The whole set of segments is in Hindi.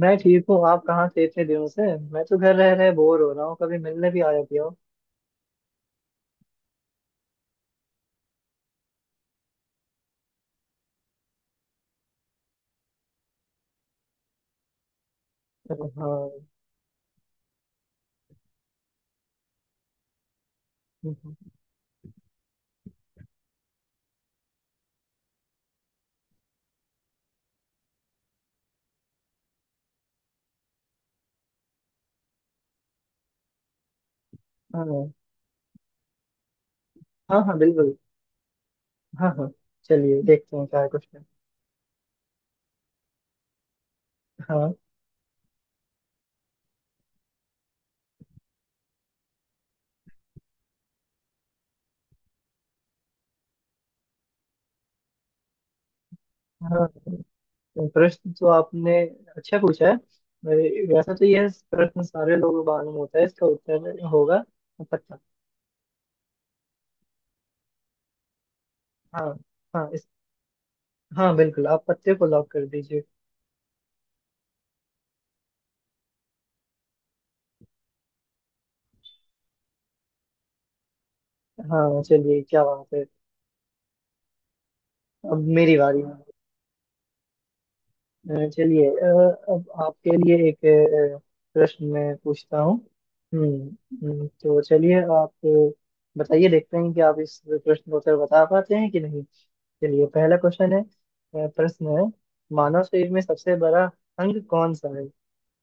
मैं ठीक हूँ। आप कहाँ थे इतने दिनों से? मैं तो घर रह रहे बोर हो रहा हूँ। कभी मिलने भी आया किया हो। हाँ, हाँ। हाँ, हाँ, बिल्कुल। हाँ, हाँ। चलिए, देखते हैं क्या है क्वेश्चन। हाँ, हाँ। प्रश्न तो आपने अच्छा पूछा है। वैसे तो यह प्रश्न सारे लोगों को मालूम होता है। इसका उत्तर होगा पत्ता। हाँ, हाँ। इस हाँ, बिल्कुल, आप पत्ते को लॉक कर दीजिए। हाँ, चलिए, क्या बात है। अब मेरी बारी है। चलिए, अब आपके लिए एक अ, प्रश्न मैं पूछता हूँ। हम्म। तो चलिए, आप बताइए, देखते हैं कि आप इस प्रश्न का उत्तर बता पाते हैं कि नहीं। चलिए, पहला क्वेश्चन है, प्रश्न है, मानव शरीर में सबसे बड़ा अंग कौन सा है?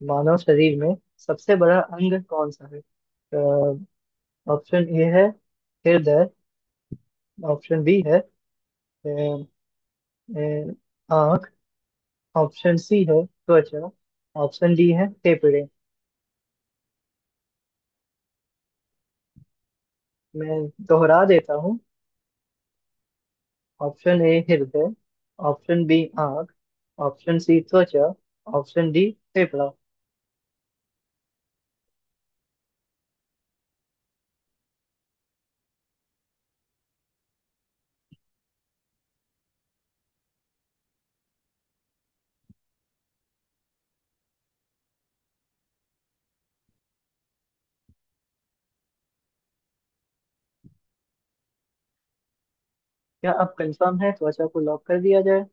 मानव शरीर में सबसे बड़ा अंग कौन सा है? ऑप्शन ए है हृदय। ऑप्शन बी है अ, अ, आँख। ऑप्शन सी है त्वचा। ऑप्शन डी है फेफड़े। मैं दोहरा देता हूँ। ऑप्शन ए हृदय। ऑप्शन बी आंख। ऑप्शन सी त्वचा। ऑप्शन डी फेफड़ा। क्या आप कंफर्म है, त्वचा को लॉक कर दिया जाए?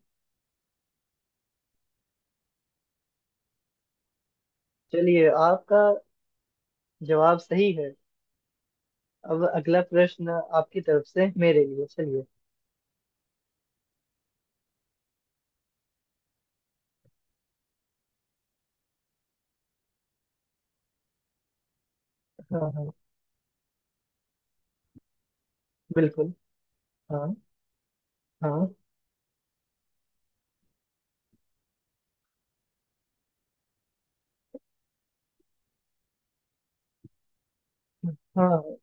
चलिए, आपका जवाब सही है। अब अगला प्रश्न आपकी तरफ से मेरे लिए। चलिए। हाँ, हाँ, बिल्कुल। हाँ, हाँ। हाँ,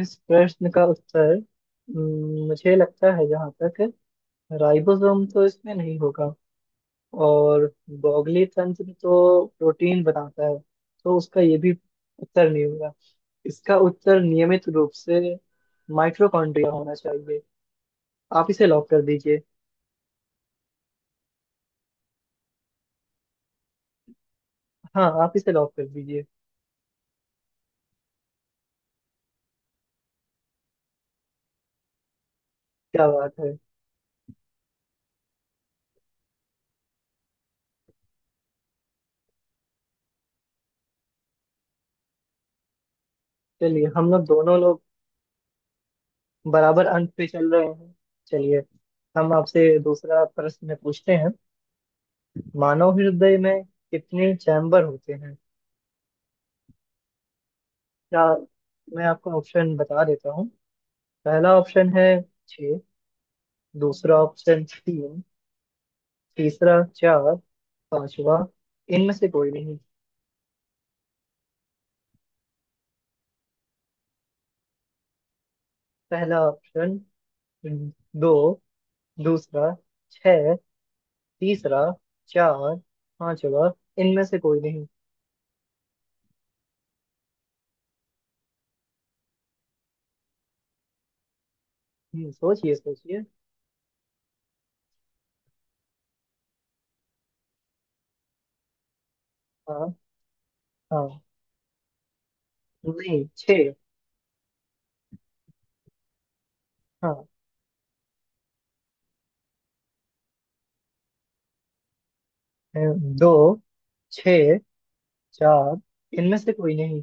इस प्रश्न का उत्तर, मुझे लगता है, जहाँ तक राइबोसोम तो इसमें नहीं होगा। और बॉगली तंत्र तो प्रोटीन बनाता है, तो उसका ये भी उत्तर नहीं होगा। इसका उत्तर नियमित रूप से माइटोकॉन्ड्रिया होना चाहिए। आप इसे लॉक कर दीजिए। हाँ, आप इसे लॉक कर दीजिए। क्या बात है! चलिए, हम लोग, दोनों लोग बराबर अंक पे चल रहे हैं। चलिए, हम आपसे दूसरा प्रश्न पूछते हैं। मानव हृदय में कितने चैम्बर होते हैं? क्या? मैं आपको ऑप्शन बता देता हूँ। पहला ऑप्शन है छः। दूसरा ऑप्शन तीन। तीसरा चार। पांचवा, इनमें से कोई नहीं। पहला ऑप्शन दो। दूसरा छह। तीसरा चार। पांचवा, इनमें से कोई नहीं। सोचिए, सोचिए। हाँ। हाँ। नहीं, छह। हाँ। दो, छह, चार, इनमें से कोई नहीं।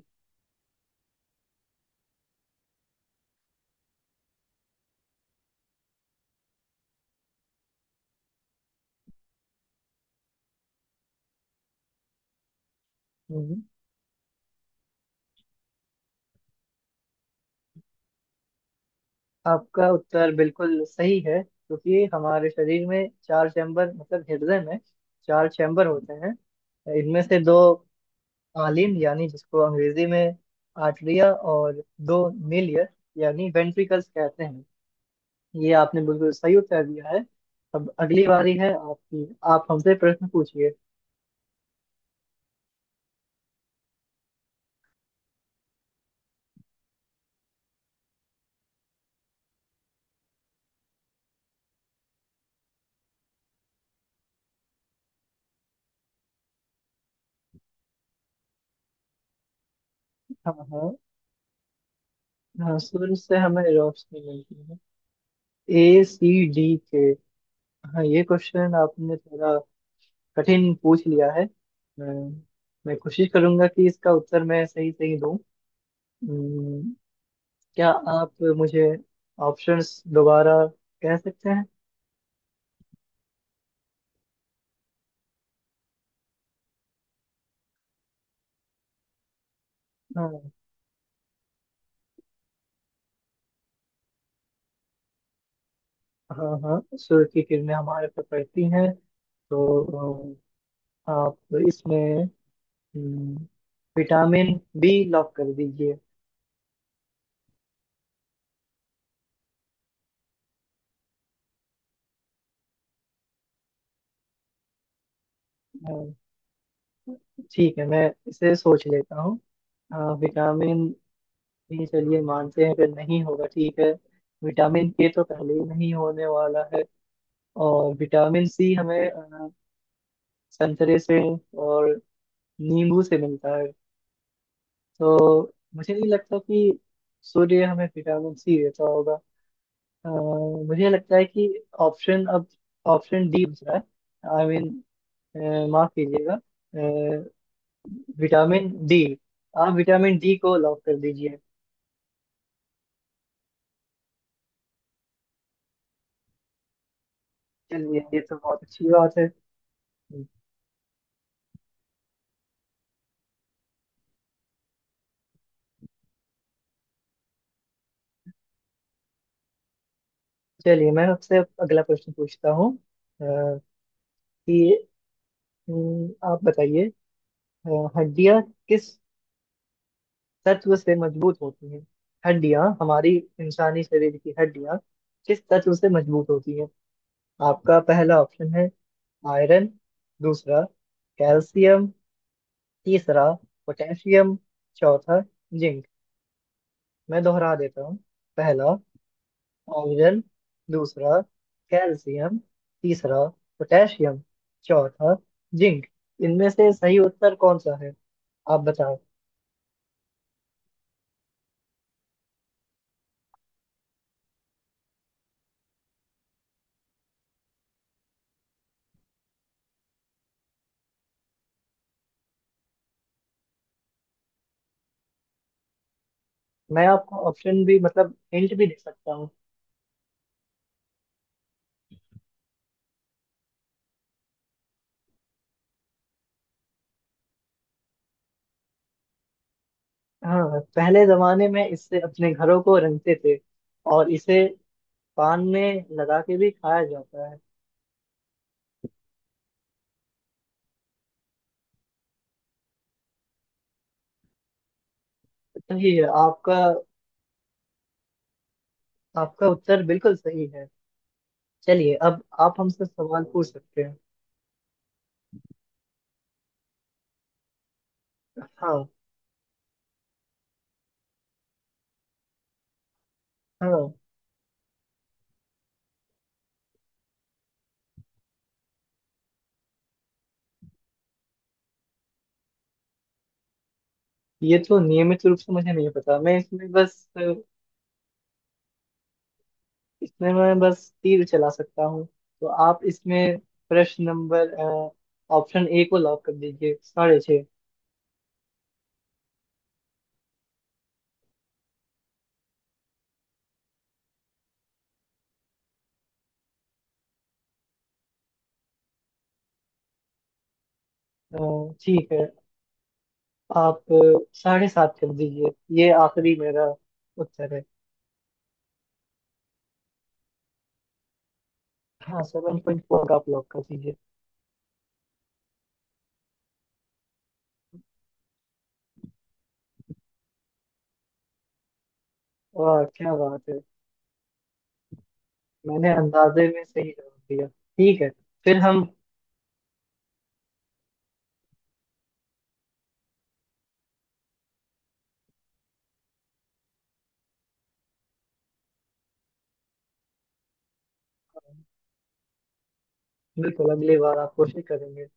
हम्म, आपका उत्तर बिल्कुल सही है, क्योंकि हमारे शरीर में चार चैम्बर, मतलब हृदय में चार चैम्बर होते हैं। इनमें से दो आलिन, यानी जिसको अंग्रेजी में आर्टरिया, और दो मिलियर यानी वेंट्रिकल्स कहते हैं। ये आपने बिल्कुल सही उत्तर दिया है। अब अगली बारी है आपकी, आप हमसे प्रश्न पूछिए। हाँ, हाँ। हाँ, सूर्य से हमें रोशनी मिलती है। ए, सी, डी, के। हाँ, ये क्वेश्चन आपने थोड़ा कठिन पूछ लिया है। मैं मैं कोशिश करूंगा कि इसका उत्तर मैं सही सही दूं। हम्म, क्या आप मुझे ऑप्शंस दोबारा कह सकते हैं? हाँ। हाँ, हाँ। सूर्य की किरणें हमारे पर पड़ती हैं, तो आप इसमें हम्म, विटामिन बी लॉक कर दीजिए। अ, ठीक है, मैं इसे सोच लेता हूँ। विटामिन बी, चलिए, मानते हैं कि नहीं होगा। ठीक है। विटामिन के तो पहले ही नहीं होने वाला है। और विटामिन सी हमें संतरे से और नींबू से मिलता है, तो मुझे नहीं लगता कि सूर्य हमें विटामिन सी देता होगा। मुझे लगता है कि ऑप्शन अब ऑप्शन डी दूसरा है, आई मीन, माफ कीजिएगा, विटामिन डी। आप विटामिन डी को लॉक कर दीजिए। चलिए, ये तो बहुत अच्छी बात है। चलिए, मैं आपसे अब अगला प्रश्न पूछता हूँ। अ, कि आप बताइए, हड्डियाँ किस तत्व से मजबूत होती हैं? हड्डियाँ हमारी, इंसानी शरीर की हड्डियाँ किस तत्व से मजबूत होती हैं? आपका पहला ऑप्शन है आयरन। दूसरा कैल्शियम। तीसरा पोटेशियम। चौथा जिंक। मैं दोहरा देता हूँ। पहला आयरन। दूसरा कैल्शियम। तीसरा पोटेशियम। चौथा जिंक। इनमें से सही उत्तर कौन सा है? आप बताओ। मैं आपको ऑप्शन भी, मतलब हिंट भी, दे सकता हूँ। हाँ, पहले जमाने में इससे अपने घरों को रंगते थे, और इसे पान में लगा के भी खाया जाता है। सही है आपका। आपका उत्तर बिल्कुल सही है। चलिए, अब आप हमसे सवाल पूछ सकते हैं। हाँ, हाँ। ये तो नियमित रूप से मुझे नहीं पता, मैं इसमें बस इसमें मैं बस तीर चला सकता हूँ। तो आप इसमें प्रश्न नंबर ऑप्शन ए को लॉक कर दीजिए, 6.5। ठीक है, आप 7.5 कर दीजिए। ये आखिरी मेरा उत्तर है। हाँ, 7.4 आप लॉक कर दीजिए। वाह, क्या बात है! मैंने अंदाजे में सही जवाब दिया। ठीक है, फिर हम। बिल्कुल, अगली बार आप कोशिश करेंगे।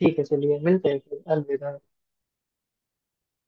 ठीक है, चलिए, मिलते हैं फिर। अलविदा।